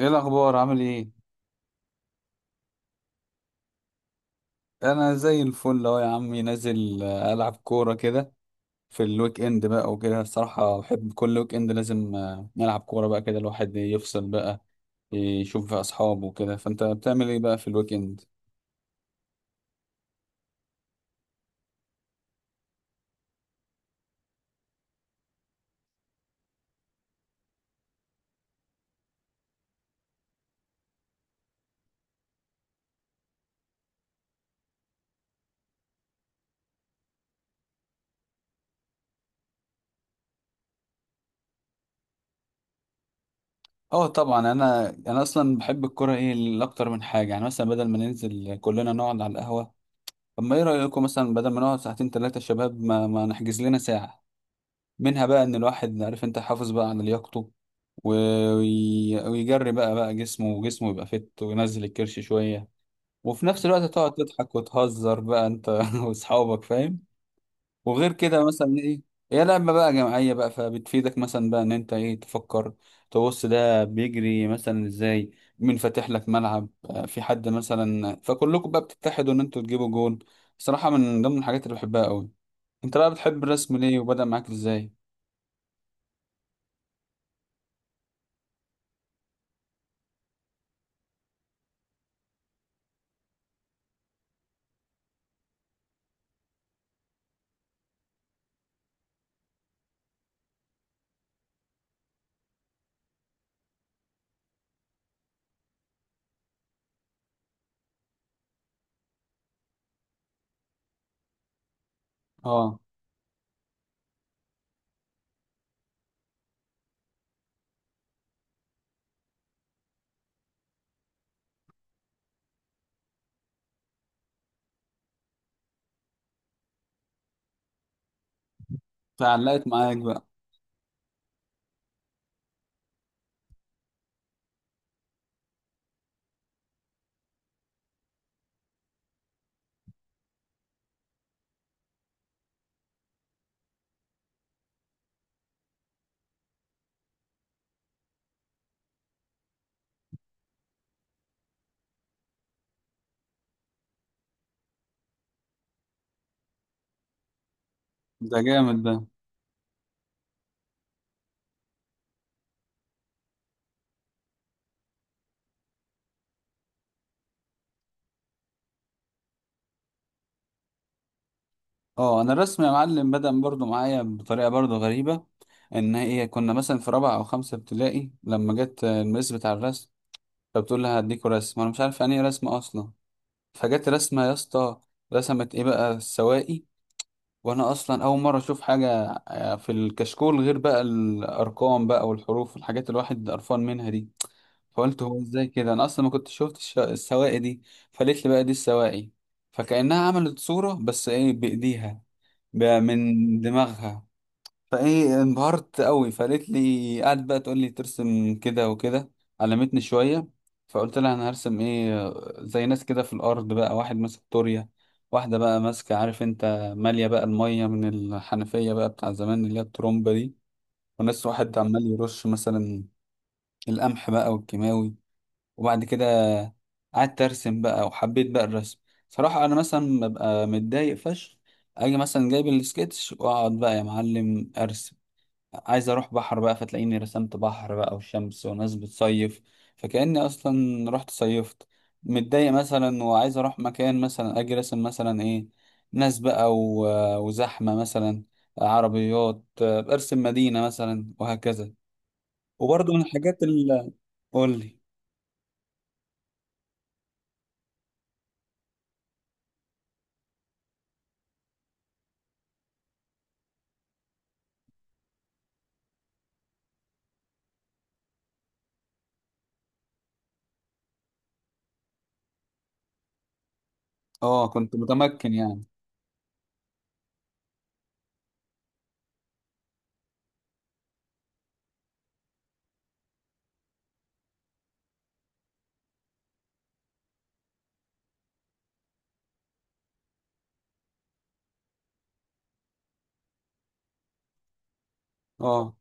ايه الاخبار، عامل ايه؟ انا زي الفل اهو يا عمي، نازل العب كوره كده في الويك اند بقى وكده. الصراحه بحب كل ويك اند لازم نلعب كوره بقى كده، الواحد يفصل بقى، يشوف بقى اصحابه وكده. فانت بتعمل ايه بقى في الويك اند؟ اه طبعا، انا اصلا بحب الكوره ايه لاكتر من حاجه، يعني مثلا بدل ما ننزل كلنا نقعد على القهوه، طب ما ايه رايكم مثلا؟ بدل ما نقعد ساعتين 3 شباب، ما نحجز لنا ساعه، منها بقى ان الواحد عارف انت حافظ بقى على لياقته، و- ويجري بقى جسمه، وجسمه يبقى فت وينزل الكرش شوية، وفي نفس الوقت تقعد تضحك وتهزر بقى انت واصحابك، فاهم؟ وغير كده مثلا ايه، هي لعبة بقى جماعية بقى، فبتفيدك مثلا بقى ان انت ايه تفكر، تبص ده بيجري مثلا ازاي، مين فاتح لك ملعب، في حد مثلا، فكلكم بقى بتتحدوا ان انتوا تجيبوا جون. صراحة من ضمن الحاجات اللي بحبها قوي. انت بقى بتحب الرسم ليه وبدأ معاك ازاي؟ اه، فعلقت معاك بقى. ده جامد ده. اه، انا الرسم يا معلم بدأ برضو معايا بطريقه برضو غريبه، ان هي كنا مثلا في رابعه او خمسه ابتدائي، لما جت الميس بتاع الرسم فبتقول لها هديكوا رسم، وانا مش عارف يعني ايه رسم اصلا. فجت رسمه يا اسطى، رسمت ايه بقى؟ السواقي. وانا اصلا اول مره اشوف حاجه في الكشكول، غير بقى الارقام بقى والحروف والحاجات اللي الواحد قرفان منها دي. فقلت هو ازاي كده؟ انا اصلا ما كنت شفت السواقي دي. فقالت لي بقى دي السواقي. فكأنها عملت صورة بس ايه، بإيديها، من دماغها. فايه، انبهرت قوي، فقالت لي، قعدت بقى تقول لي ترسم كده وكده، علمتني شويه. فقلت لها انا هرسم ايه؟ زي ناس كده في الارض بقى، واحد ماسك طورية، واحده بقى ماسكه، عارف انت، ماليه بقى الميه من الحنفيه بقى بتاع زمان، اللي هي الترومبه دي. وناس، واحد عمال يرش مثلا القمح بقى والكيماوي. وبعد كده قعدت ارسم بقى وحبيت بقى الرسم. صراحة انا مثلا ببقى متضايق فشخ، اجي مثلا جايب السكتش واقعد بقى يا معلم ارسم. عايز اروح بحر بقى، فتلاقيني رسمت بحر بقى وشمس وناس بتصيف، فكأني اصلا رحت صيفت. متضايق مثلا وعايز اروح مكان، مثلا اجي راسم مثلا ايه، ناس بقى وزحمة، مثلا عربيات، ارسم مدينة مثلا وهكذا. وبرضه من الحاجات اللي... قول لي. اه، كنت متمكن يعني. اه.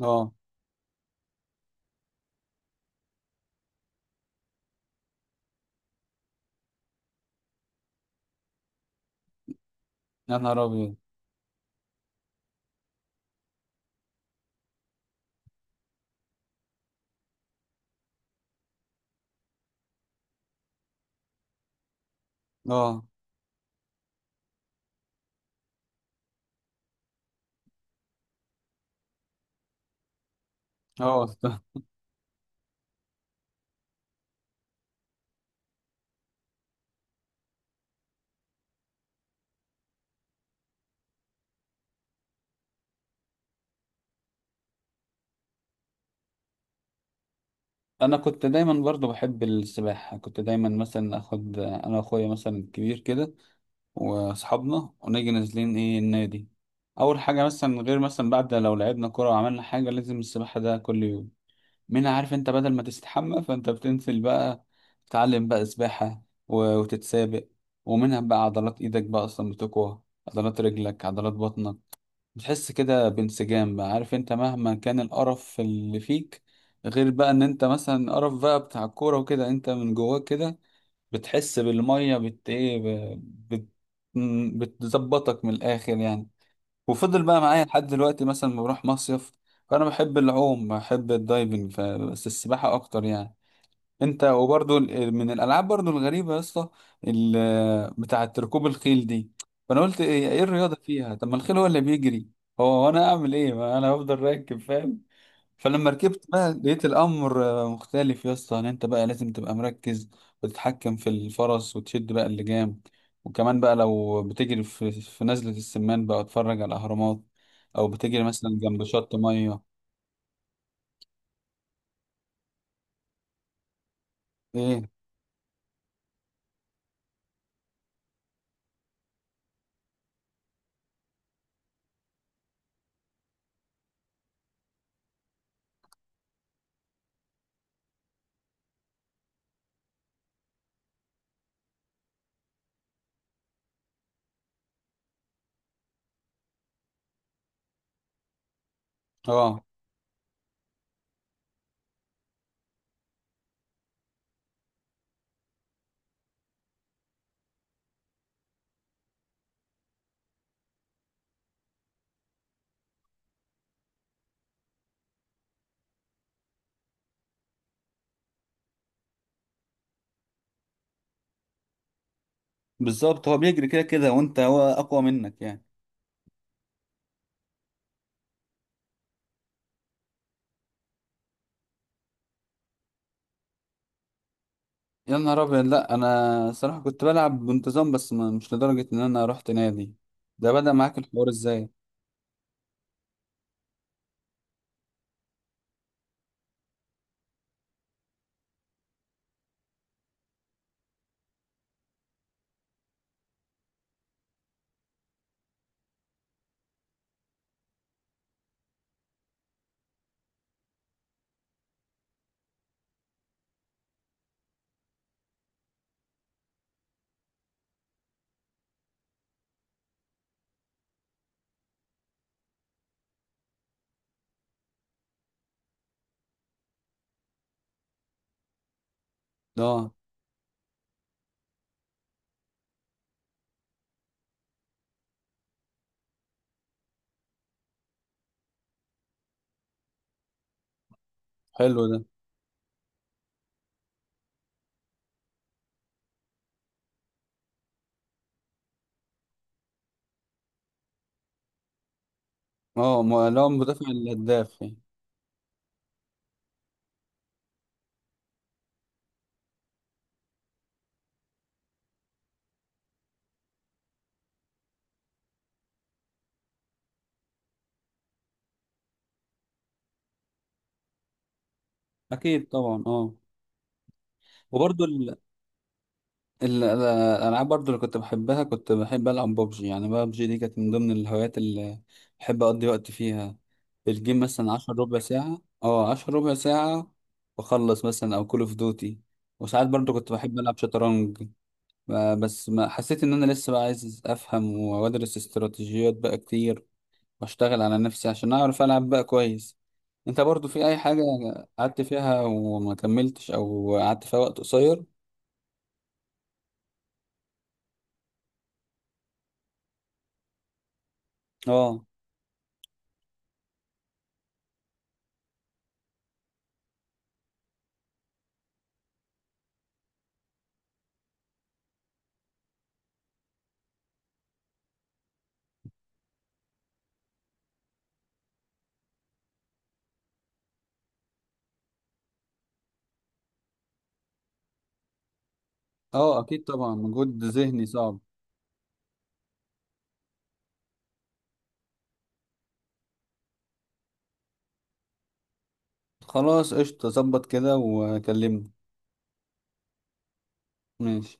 اه، يا نهار ابيض. اه. اه. أصلاً. انا كنت دايما برضو بحب السباحه. كنت دايما مثلا اخد انا واخويا مثلا الكبير كده واصحابنا ونيجي نازلين ايه النادي، اول حاجه مثلا، غير مثلا بعد لو لعبنا كوره وعملنا حاجه لازم السباحه، ده كل يوم، منها عارف انت بدل ما تستحمى فانت بتنزل بقى تتعلم بقى سباحه وتتسابق، ومنها بقى عضلات ايدك بقى اصلا بتقوى، عضلات رجلك، عضلات بطنك، بتحس كده بانسجام بقى، عارف انت، مهما كان القرف اللي فيك، غير بقى ان انت مثلا قرف بقى بتاع الكورة وكده، انت من جواك كده بتحس بالمية، بت ايه ب- بت م- بتظبطك من الاخر يعني. وفضل بقى معايا لحد دلوقتي مثلا، ما بروح مصيف. فانا بحب العوم، بحب الدايفنج، بس السباحة اكتر يعني. انت وبرضو من الالعاب برضو الغريبه يا اسطى، بتاعه ركوب الخيل دي، فانا قلت ايه الرياضه فيها؟ طب ما الخيل هو اللي بيجري، هو وانا اعمل ايه؟ ما انا هفضل راكب، فاهم؟ فلما ركبت بقى لقيت الامر مختلف يا اسطى، ان انت بقى لازم تبقى مركز وتتحكم في الفرس وتشد بقى اللجام، وكمان بقى لو بتجري في نزله السمان بقى اتفرج على الاهرامات، او بتجري مثلا جنب شط ميه. ايه. اه بالظبط، هو بيجري كده كده وانت، هو اقوى منك يعني. يا نهار ابيض. لا انا صراحه كنت بلعب بانتظام، بس ما مش لدرجه ان انا رحت نادي. ده بدأ معاك الحوار ازاي؟ اه. حلو ده. اه، اللي هو المدافع الهداف يعني. اكيد طبعا، اه. وبرضو الالعاب برضو اللي كنت بحبها، كنت بحب العب ببجي، يعني ببجي دي كانت من ضمن الهوايات اللي بحب اقضي وقت فيها. الجيم مثلا عشر ربع ساعه، اه عشر ربع ساعه، واخلص، مثلا او كول اوف دوتي. وساعات برضو كنت بحب العب شطرنج، بس ما حسيت ان انا لسه بقى عايز افهم وادرس استراتيجيات بقى كتير، واشتغل على نفسي عشان اعرف العب بقى كويس. انت برضو في اي حاجة قعدت فيها وما كملتش، او قعدت فيها وقت قصير؟ اه. اه، اكيد طبعا، مجهود ذهني صعب. خلاص قشطة، ظبط كده وكلمني. ماشي.